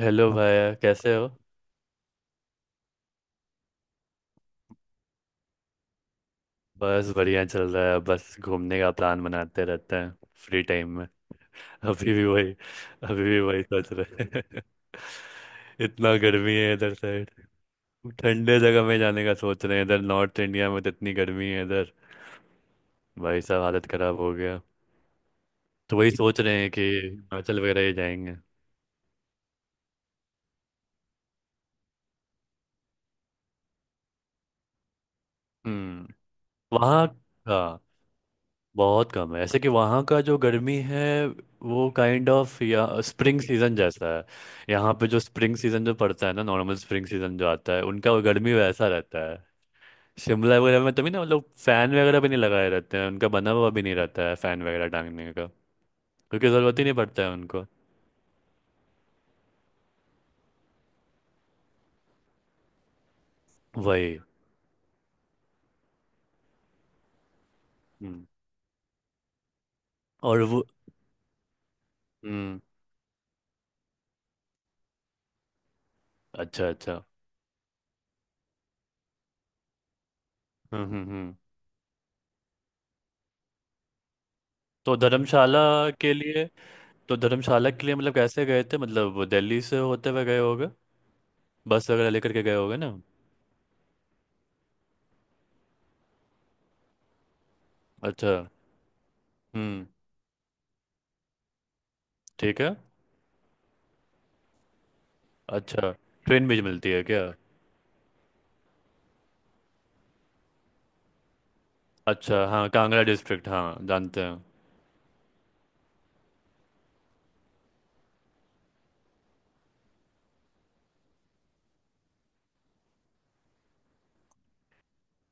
Hello भैया, कैसे हो? बस बढ़िया चल रहा है, बस घूमने का प्लान बनाते रहते हैं फ्री टाइम में। अभी भी वही अभी भी वही सोच रहे हैं। इतना गर्मी है इधर साइड। ठंडे जगह में जाने का सोच रहे हैं, इधर नॉर्थ इंडिया में तो इतनी गर्मी है इधर, भाई साहब हालत खराब हो गया। तो वही सोच रहे हैं कि हिमाचल वगैरह ही जाएंगे। हम्म। वहाँ, हाँ, बहुत कम है, ऐसे कि वहाँ का जो गर्मी है वो काइंड ऑफ या स्प्रिंग सीजन जैसा है। यहाँ पे जो स्प्रिंग सीजन जो पड़ता है ना, नॉर्मल स्प्रिंग सीजन जो आता है उनका, वो गर्मी वैसा रहता है शिमला वगैरह में, तभी ना मतलब फैन वगैरह भी नहीं लगाए रहते हैं, उनका बना हुआ भी नहीं रहता है फैन वगैरह टांगने का, क्योंकि ज़रूरत ही नहीं पड़ता है उनको। वही। हम्म। और वो, हम्म। अच्छा अच्छा। हम्म। तो धर्मशाला के लिए तो धर्मशाला के लिए मतलब कैसे गए थे? मतलब दिल्ली से होते हुए गए होगे, बस वगैरह लेकर के गए होगे ना? अच्छा। हम्म। ठीक है। अच्छा, ट्रेन भी मिलती है क्या? अच्छा, हाँ, कांगड़ा डिस्ट्रिक्ट, हाँ, जानते हैं।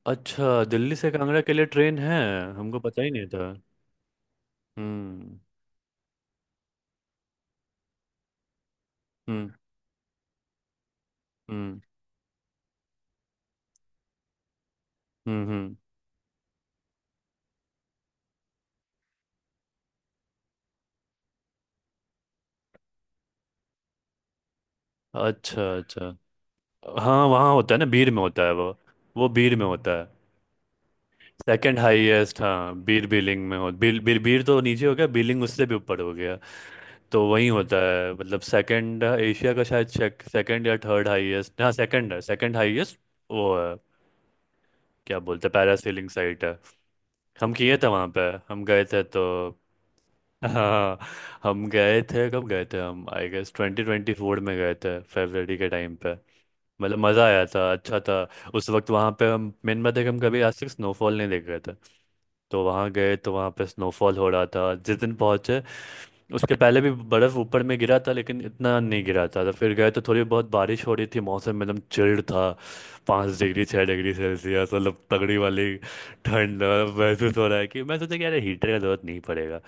अच्छा, दिल्ली से कांगड़ा के लिए ट्रेन है, हमको पता ही नहीं था। हम्म हम्म हम्म। हम्म। अच्छा अच्छा। हाँ, वहाँ होता है ना, बीर में होता है वो बीर में होता है। सेकंड हाईएस्ट, हाँ, बीर बिलिंग में हो, बीर बीर बीर तो नीचे हो गया, बिलिंग उससे भी ऊपर हो गया। तो वही होता है, मतलब सेकंड एशिया का शायद, सेकंड या थर्ड हाईएस्ट, हाँ, सेकंड है, सेकंड हाईएस्ट वो है। क्या बोलते हैं, पैरासेलिंग साइट है, हम किए थे वहाँ पे। हम गए थे तो, हाँ, हम गए थे, कब गए थे, हम आई गेस 2024 में गए थे फरवरी के टाइम पे। मतलब मज़ा आया था, अच्छा था। उस वक्त वहाँ पे हम, मेन बात है कि हम कभी आज तक स्नोफॉल नहीं देख रहे थे, तो वहाँ गए तो वहाँ पे स्नोफॉल हो रहा था जिस दिन पहुँचे। उसके पहले भी बर्फ़ ऊपर में गिरा था लेकिन इतना नहीं गिरा था, तो फिर गए तो थोड़ी बहुत बारिश हो रही थी, मौसम एकदम चिल्ड था। 5 डिग्री 6 डिग्री सेल्सियस, मतलब तगड़ी वाली ठंड महसूस हो रहा है कि, मैं सोचा कि अरे हीटर का जरूरत नहीं पड़ेगा।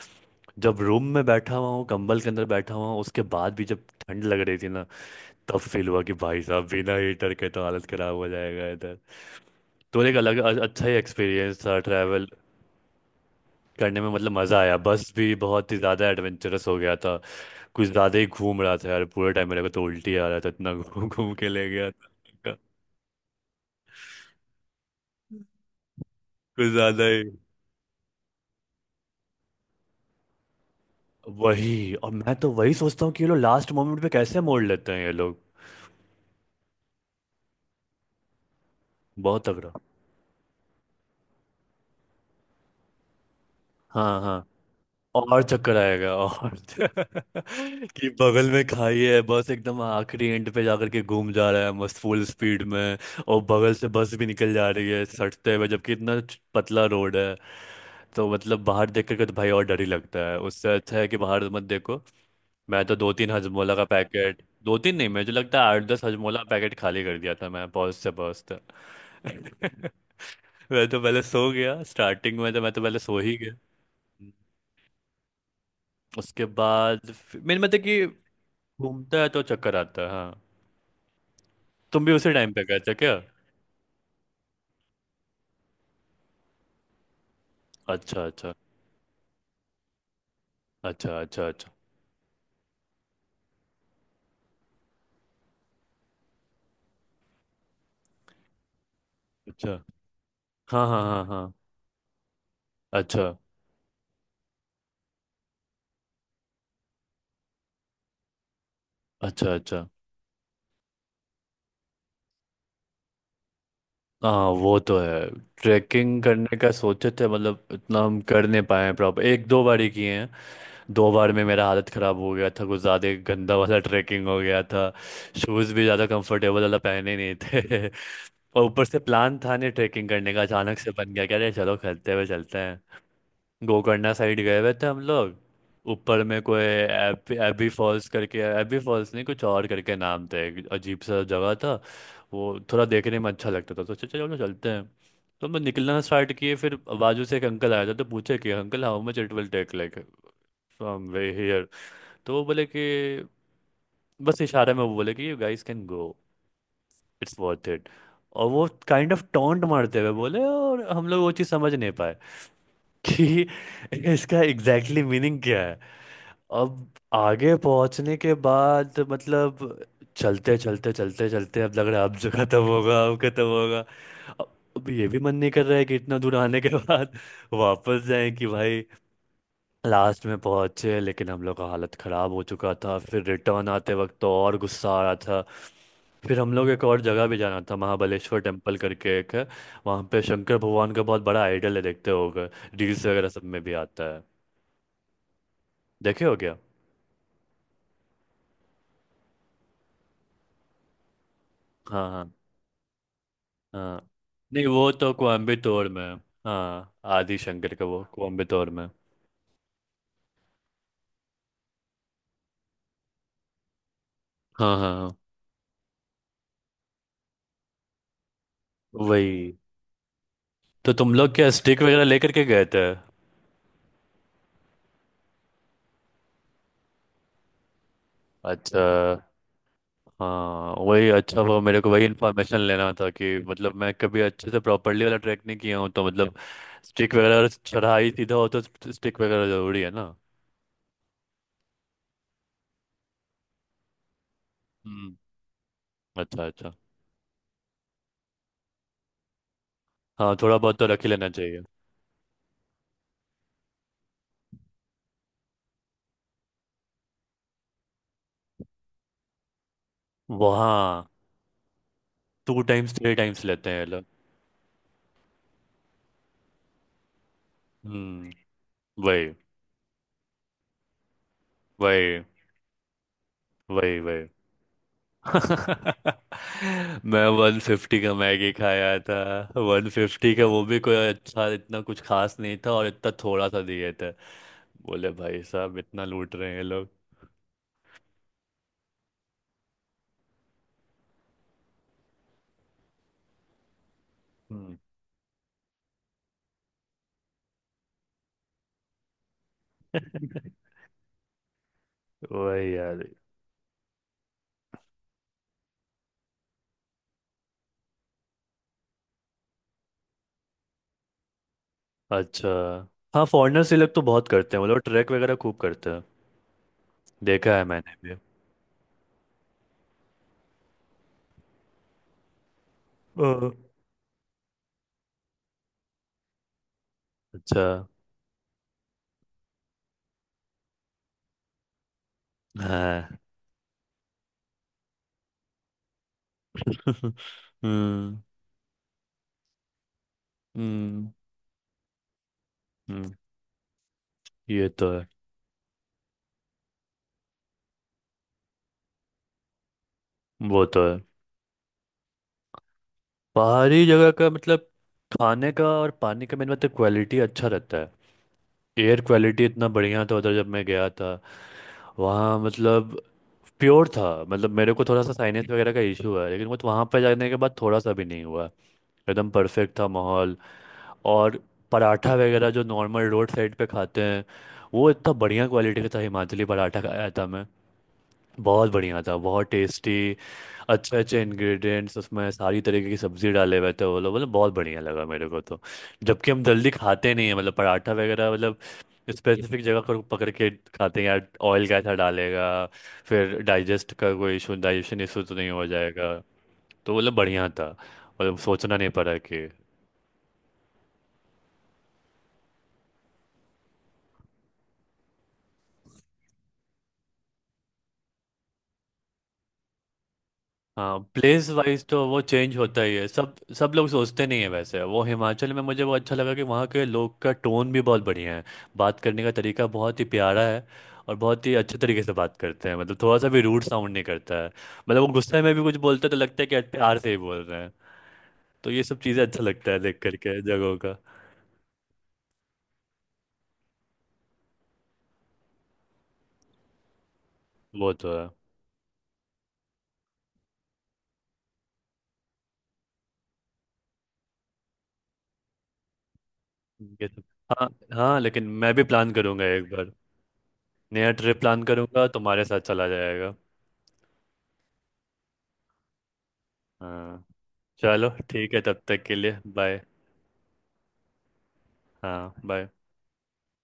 जब रूम में बैठा हुआ हूँ, कंबल के अंदर बैठा हुआ हूँ, उसके बाद भी जब ठंड लग रही थी ना, तब फील हुआ कि भाई साहब बिना हीटर के तो हालत खराब हो जाएगा इधर। तो एक अलग अच्छा ही एक्सपीरियंस था ट्रैवल करने में, मतलब मज़ा आया। बस भी बहुत ही ज़्यादा एडवेंचरस हो गया था, कुछ ज़्यादा ही घूम रहा था यार पूरे टाइम, मेरे को तो उल्टी आ रहा था इतना घूम घूम के ले गया था, कुछ ज़्यादा ही। वही, और मैं तो वही सोचता हूँ कि ये लोग लास्ट मोमेंट पे कैसे मोड़ लेते हैं ये लोग, बहुत तगड़ा। हाँ हाँ। और चक्कर आएगा, और कि बगल में खाई है, बस एकदम आखिरी एंड पे जाकर के घूम जा रहा है मस्त फुल स्पीड में, और बगल से बस भी निकल जा रही है सटते हुए, जबकि इतना पतला रोड है, तो मतलब बाहर देख करके तो भाई और डर ही लगता है, उससे अच्छा है कि बाहर मत देखो। मैं तो दो तीन हजमोला का पैकेट, दो तीन नहीं मुझे लगता है आठ दस हजमोला पैकेट खाली कर दिया था मैं पहुँचते पहुँचते। मैं तो पहले सो गया स्टार्टिंग में, तो मैं तो पहले सो ही गया। उसके बाद मेन मतलब कि घूमता है तो चक्कर आता है, हाँ। तुम भी उसी टाइम पे गए थे क्या? अच्छा अच्छा अच्छा। अच्छा अच्छा अच्छा। हाँ हाँ हाँ हाँ। अच्छा अच्छा अच्छा। हाँ, वो तो है। ट्रैकिंग करने का सोचे थे, मतलब इतना हम कर नहीं पाए हैं प्रॉपर, एक दो बार ही किए हैं। दो बार में मेरा हालत ख़राब हो गया था, कुछ ज़्यादा ही गंदा वाला ट्रैकिंग हो गया था। शूज़ भी ज़्यादा कंफर्टेबल वाला पहने नहीं थे और ऊपर से प्लान था नहीं ट्रैकिंग करने का, अचानक से बन गया, कह रहे चलो खरीदते हुए चलते। गोकर्णा साइड गए हुए थे हम लोग। ऊपर में कोई एबी एबी फॉल्स करके, एबी फॉल्स नहीं, कुछ और करके नाम थे, एक अजीब सा जगह था। वो थोड़ा देखने में अच्छा लगता था, तो सोचा चलो चलते हैं। तो हम निकलना स्टार्ट किए, फिर बाजू से एक अंकल आया था, तो पूछे कि uncle, how much it will take like from way here. तो वो बोले कि, बस इशारे में वो बोले कि you guys can go, it's worth it. और वो काइंड ऑफ टोंट मारते हुए बोले, और हम लोग वो चीज़ समझ नहीं पाए कि इसका एग्जैक्टली मीनिंग क्या है। अब आगे पहुंचने के बाद, मतलब चलते चलते चलते चलते अब लग रहा है अब जो खत्म होगा अब खत्म होगा, अब अब ये भी मन नहीं कर रहा है कि इतना दूर आने के बाद वापस जाएं कि भाई। लास्ट में पहुंचे लेकिन हम लोग का हालत खराब हो चुका था, फिर रिटर्न आते वक्त तो और गुस्सा आ रहा था। फिर हम लोग एक और जगह भी जाना था, महाबलेश्वर टेम्पल करके एक है, वहाँ पे शंकर भगवान का बहुत बड़ा आइडल है देखते होगे, रील्स वगैरह सब में भी आता है, देखे हो क्या? हाँ हाँ हाँ। नहीं, वो तो कोयम्बटूर में है। हाँ, आदि शंकर का वो कोयम्बटूर में। हाँ हाँ हाँ, वही। तो तुम लोग क्या स्टिक वगैरह लेकर के गए थे? अच्छा, हाँ, वही। अच्छा, वो मेरे को वही इन्फॉर्मेशन लेना था कि मतलब मैं कभी अच्छे से प्रॉपरली वाला ट्रैक नहीं किया हूँ, तो मतलब स्टिक वगैरह अगर चढ़ाई सीधा हो तो स्टिक वगैरह जरूरी है ना। हम्म। अच्छा अच्छा। हाँ, थोड़ा बहुत तो रख ही लेना चाहिए। वहाँ 2 टाइम्स 3 टाइम्स लेते हैं ये लोग। हम्म। वही वही। वही वही। मैं 150 का मैगी खाया था। 150 का, वो भी कोई अच्छा इतना कुछ खास नहीं था और इतना थोड़ा सा दिए, बोले भाई साहब इतना लूट रहे हैं ये लोग। हम्म। वही यार। अच्छा, हाँ, फॉरेनर्स, ये लोग तो बहुत करते हैं, वो लोग ट्रैक वगैरह खूब करते हैं, देखा है मैंने भी। अ, अच्छा। हाँ। हम्म हम्म हम्म, ये तो है। वो तो है, पहाड़ी जगह का मतलब खाने का और पानी का, मेन मतलब क्वालिटी अच्छा रहता है। एयर क्वालिटी इतना बढ़िया था उधर जब मैं गया था, वहाँ मतलब प्योर था, मतलब मेरे को थोड़ा सा साइनस वगैरह का इशू है लेकिन मुझे वहाँ पर जाने के बाद थोड़ा सा भी नहीं हुआ, एकदम परफेक्ट था माहौल। और पराठा वगैरह जो नॉर्मल रोड साइड पे खाते हैं, वो इतना बढ़िया क्वालिटी का था, हिमाचली पराठा खाया था मैं, बहुत बढ़िया था, बहुत टेस्टी, अच्छे अच्छे इंग्रेडिएंट्स उसमें, सारी तरीके की सब्जी डाले हुए थे वो लोग, मतलब बहुत बढ़िया लगा मेरे को तो। जबकि हम जल्दी खाते नहीं है, मतलब पराठा वगैरह मतलब स्पेसिफिक जगह को पकड़ के खाते हैं यार, ऑयल कैसा डालेगा, फिर डाइजेस्ट का कोई इशू, डाइजेशन इशू तो नहीं हो जाएगा। तो मतलब बढ़िया था, मतलब सोचना नहीं पड़ा कि। हाँ, प्लेस वाइज तो वो चेंज होता ही है, सब सब लोग सोचते नहीं है वैसे। वो हिमाचल में मुझे वो अच्छा लगा कि वहाँ के लोग का टोन भी बहुत बढ़िया है, बात करने का तरीका बहुत ही प्यारा है, और बहुत ही अच्छे तरीके से बात करते हैं, मतलब थोड़ा सा भी रूड साउंड नहीं करता है, मतलब वो गुस्से में भी कुछ बोलते हैं तो लगता है कि प्यार से ही बोल रहे हैं। तो ये सब चीज़ें अच्छा लगता है देख करके जगहों का। वो तो है। ये सब, हाँ, हाँ, लेकिन मैं भी प्लान करूँगा एक बार नया ट्रिप प्लान करूँगा तुम्हारे साथ चला जाएगा। हाँ, चलो ठीक है, तब तक के लिए बाय। हाँ बाय।